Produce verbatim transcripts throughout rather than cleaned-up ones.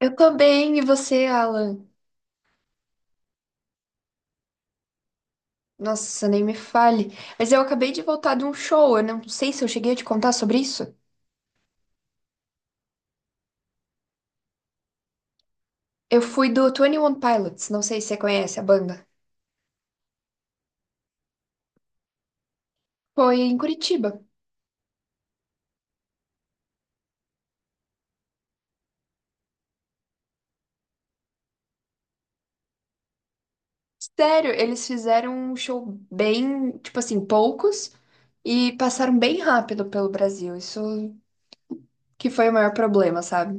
Eu tô bem, e você, Alan? Nossa, nem me fale. Mas eu acabei de voltar de um show, eu não sei se eu cheguei a te contar sobre isso. Eu fui do Twenty One Pilots, não sei se você conhece a banda. Foi em Curitiba. Sério, eles fizeram um show bem, tipo assim, poucos e passaram bem rápido pelo Brasil. Isso que foi o maior problema, sabe?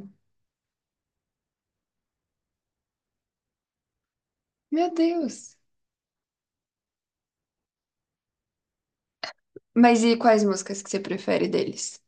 Meu Deus. Mas e quais músicas que você prefere deles?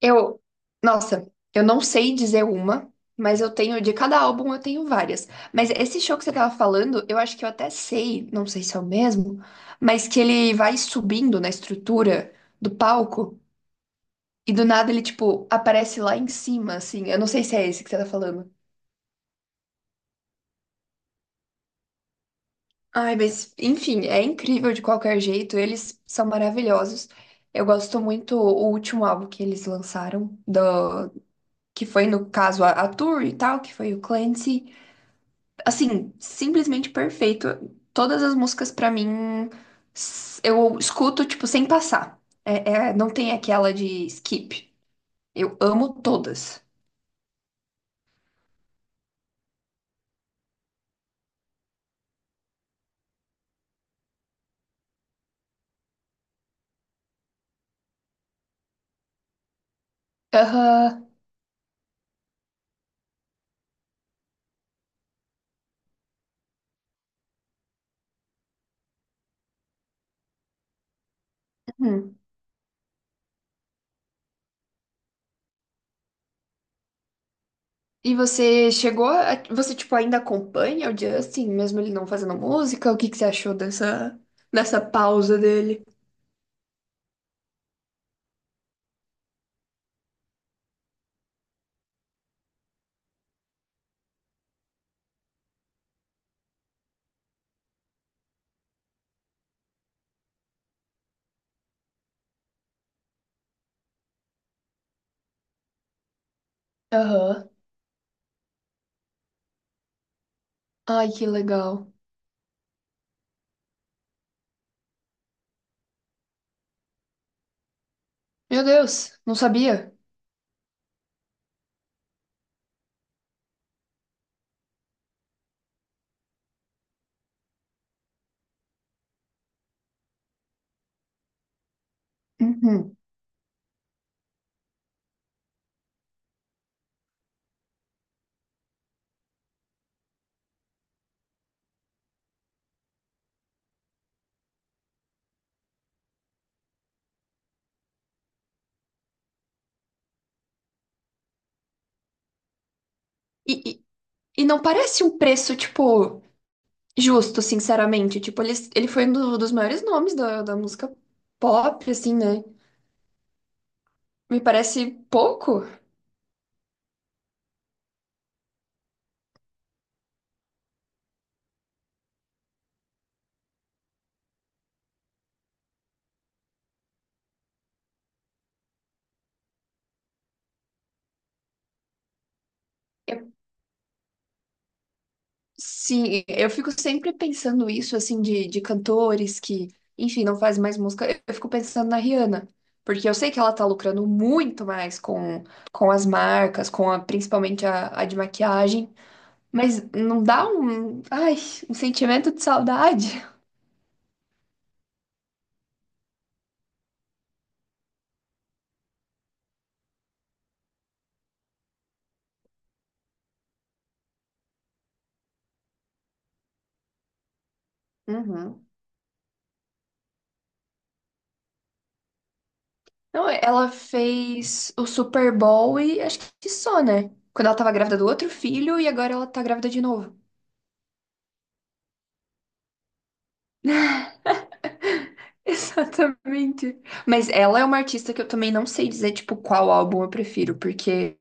Eu, Nossa, eu não sei dizer uma, mas eu tenho, de cada álbum eu tenho várias. Mas esse show que você tava falando, eu acho que eu até sei, não sei se é o mesmo, mas que ele vai subindo na estrutura do palco e do nada ele, tipo, aparece lá em cima, assim. Eu não sei se é esse que você tá falando. Ai, mas, enfim, é incrível de qualquer jeito, eles são maravilhosos. Eu gosto muito o último álbum que eles lançaram, do, que foi, no caso, a, a Tour e tal, que foi o Clancy. Assim, simplesmente perfeito. Todas as músicas pra mim s- eu escuto tipo sem passar. É, é- não tem aquela de skip. Eu amo todas. Aham. Uhum. E você chegou a, você tipo ainda acompanha o Justin, mesmo ele não fazendo música? O que que você achou dessa dessa pausa dele? Aham. Ai, que legal. Meu Deus, não sabia. Uhum. E, e, e não parece um preço, tipo, justo, sinceramente. Tipo, ele, ele foi um do- dos maiores nomes da, da música pop, assim, né? Me parece pouco. Eu- sim, eu fico sempre pensando isso, assim, de, de cantores que, enfim, não fazem mais música. Eu, eu fico pensando na Rihanna, porque eu sei que ela tá lucrando muito mais com, com as marcas, com a- principalmente a, a de maquiagem, mas não dá um, ai, um sentimento de saudade? Uhum. Não, ela fez o Super Bowl e acho que só, né? Quando ela tava grávida do outro filho e agora ela tá grávida de novo. Exatamente. Mas ela é uma artista que eu também não sei dizer, tipo, qual álbum eu prefiro, porque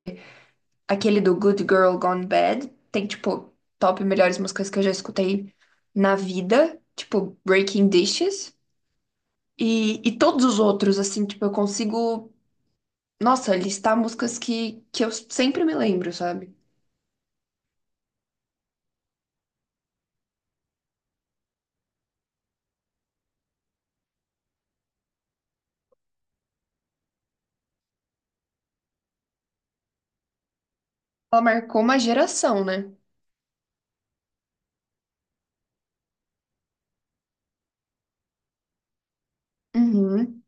aquele do Good Girl Gone Bad tem, tipo, top melhores músicas que eu já escutei na vida, tipo, Breaking Dishes. E, e todos os outros, assim, tipo, eu consigo, nossa, listar músicas que, que eu sempre me lembro, sabe? Ela marcou uma geração, né? Uhum.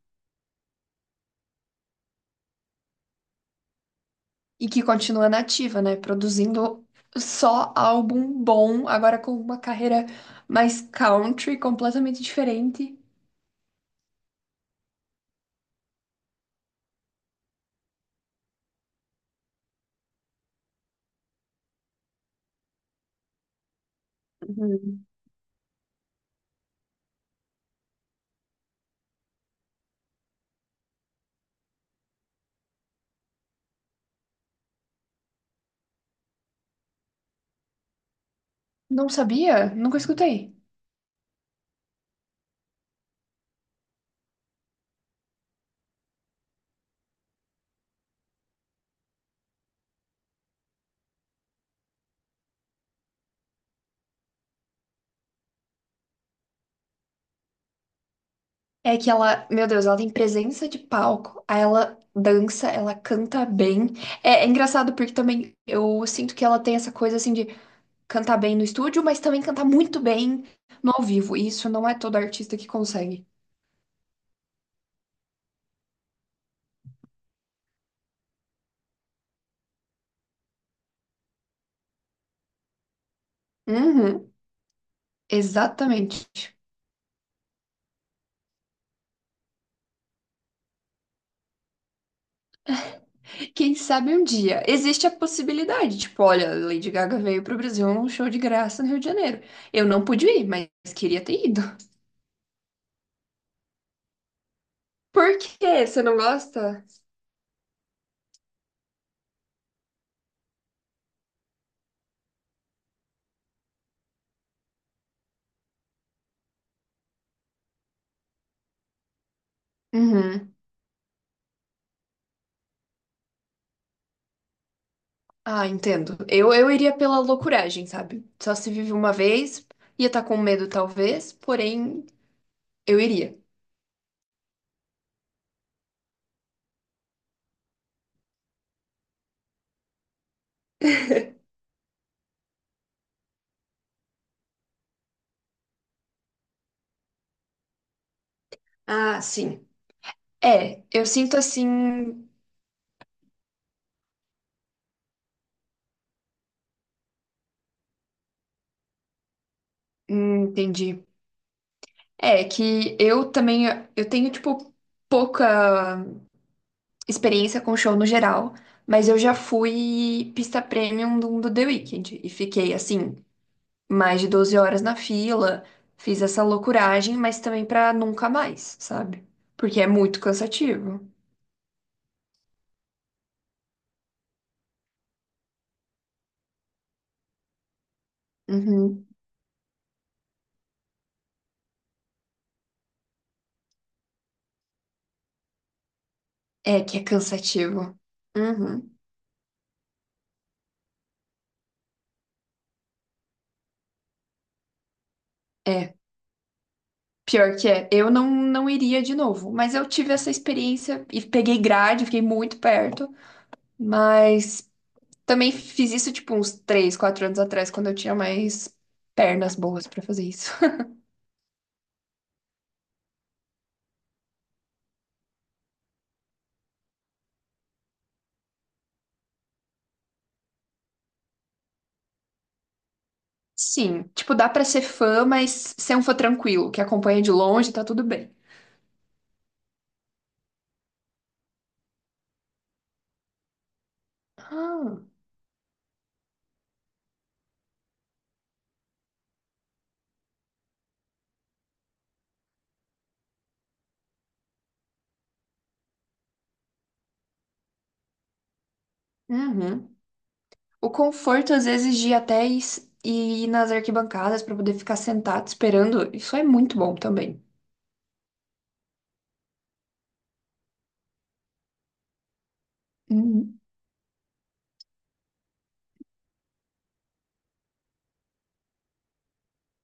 E que continua nativa, né? Produzindo só álbum bom, agora com uma carreira mais country, completamente diferente. Uhum. Não sabia? Nunca escutei. É que ela, meu Deus, ela tem presença de palco, aí ela dança, ela canta bem. É, é engraçado porque também eu sinto que ela tem essa coisa assim de cantar bem no estúdio, mas também cantar muito bem no ao vivo. E isso não é todo artista que consegue. Uhum, exatamente. Quem sabe um dia. Existe a possibilidade, tipo, olha, Lady Gaga veio pro Brasil num show de graça no Rio de Janeiro. Eu não pude ir, mas queria ter ido. Por quê? Você não gosta? Uhum. Ah, entendo. Eu, eu iria pela loucuragem, sabe? Só se vive uma vez, ia estar com medo talvez, porém, eu iria. Ah, sim. É, eu sinto assim. hum, Entendi. É que eu também eu tenho, tipo, pouca experiência com show no geral, mas eu já fui pista premium do, do The Weeknd e fiquei assim, mais de doze horas na fila, fiz essa loucuragem, mas também pra nunca mais, sabe? Porque é muito cansativo. Uhum. É que é cansativo. Uhum. É. Pior que é, eu não, não iria de novo, mas eu tive essa experiência e peguei grade, fiquei muito perto, mas também fiz isso, tipo, uns três, quatro anos atrás, quando eu tinha mais pernas boas pra fazer isso. Sim, tipo, dá pra ser fã, mas ser um fã tranquilo, que acompanha de longe, tá tudo bem. Ah, uhum. O conforto, às vezes, de ir até e s- e ir nas arquibancadas pra poder ficar sentado esperando, isso é muito bom também. Uhum.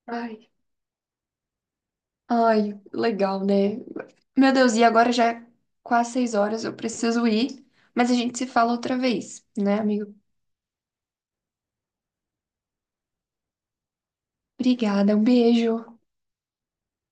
Ai, ai, legal, né? Meu Deus, e agora já é quase seis horas, eu preciso ir, mas a gente se fala outra vez, né, amigo? Obrigada, um beijo.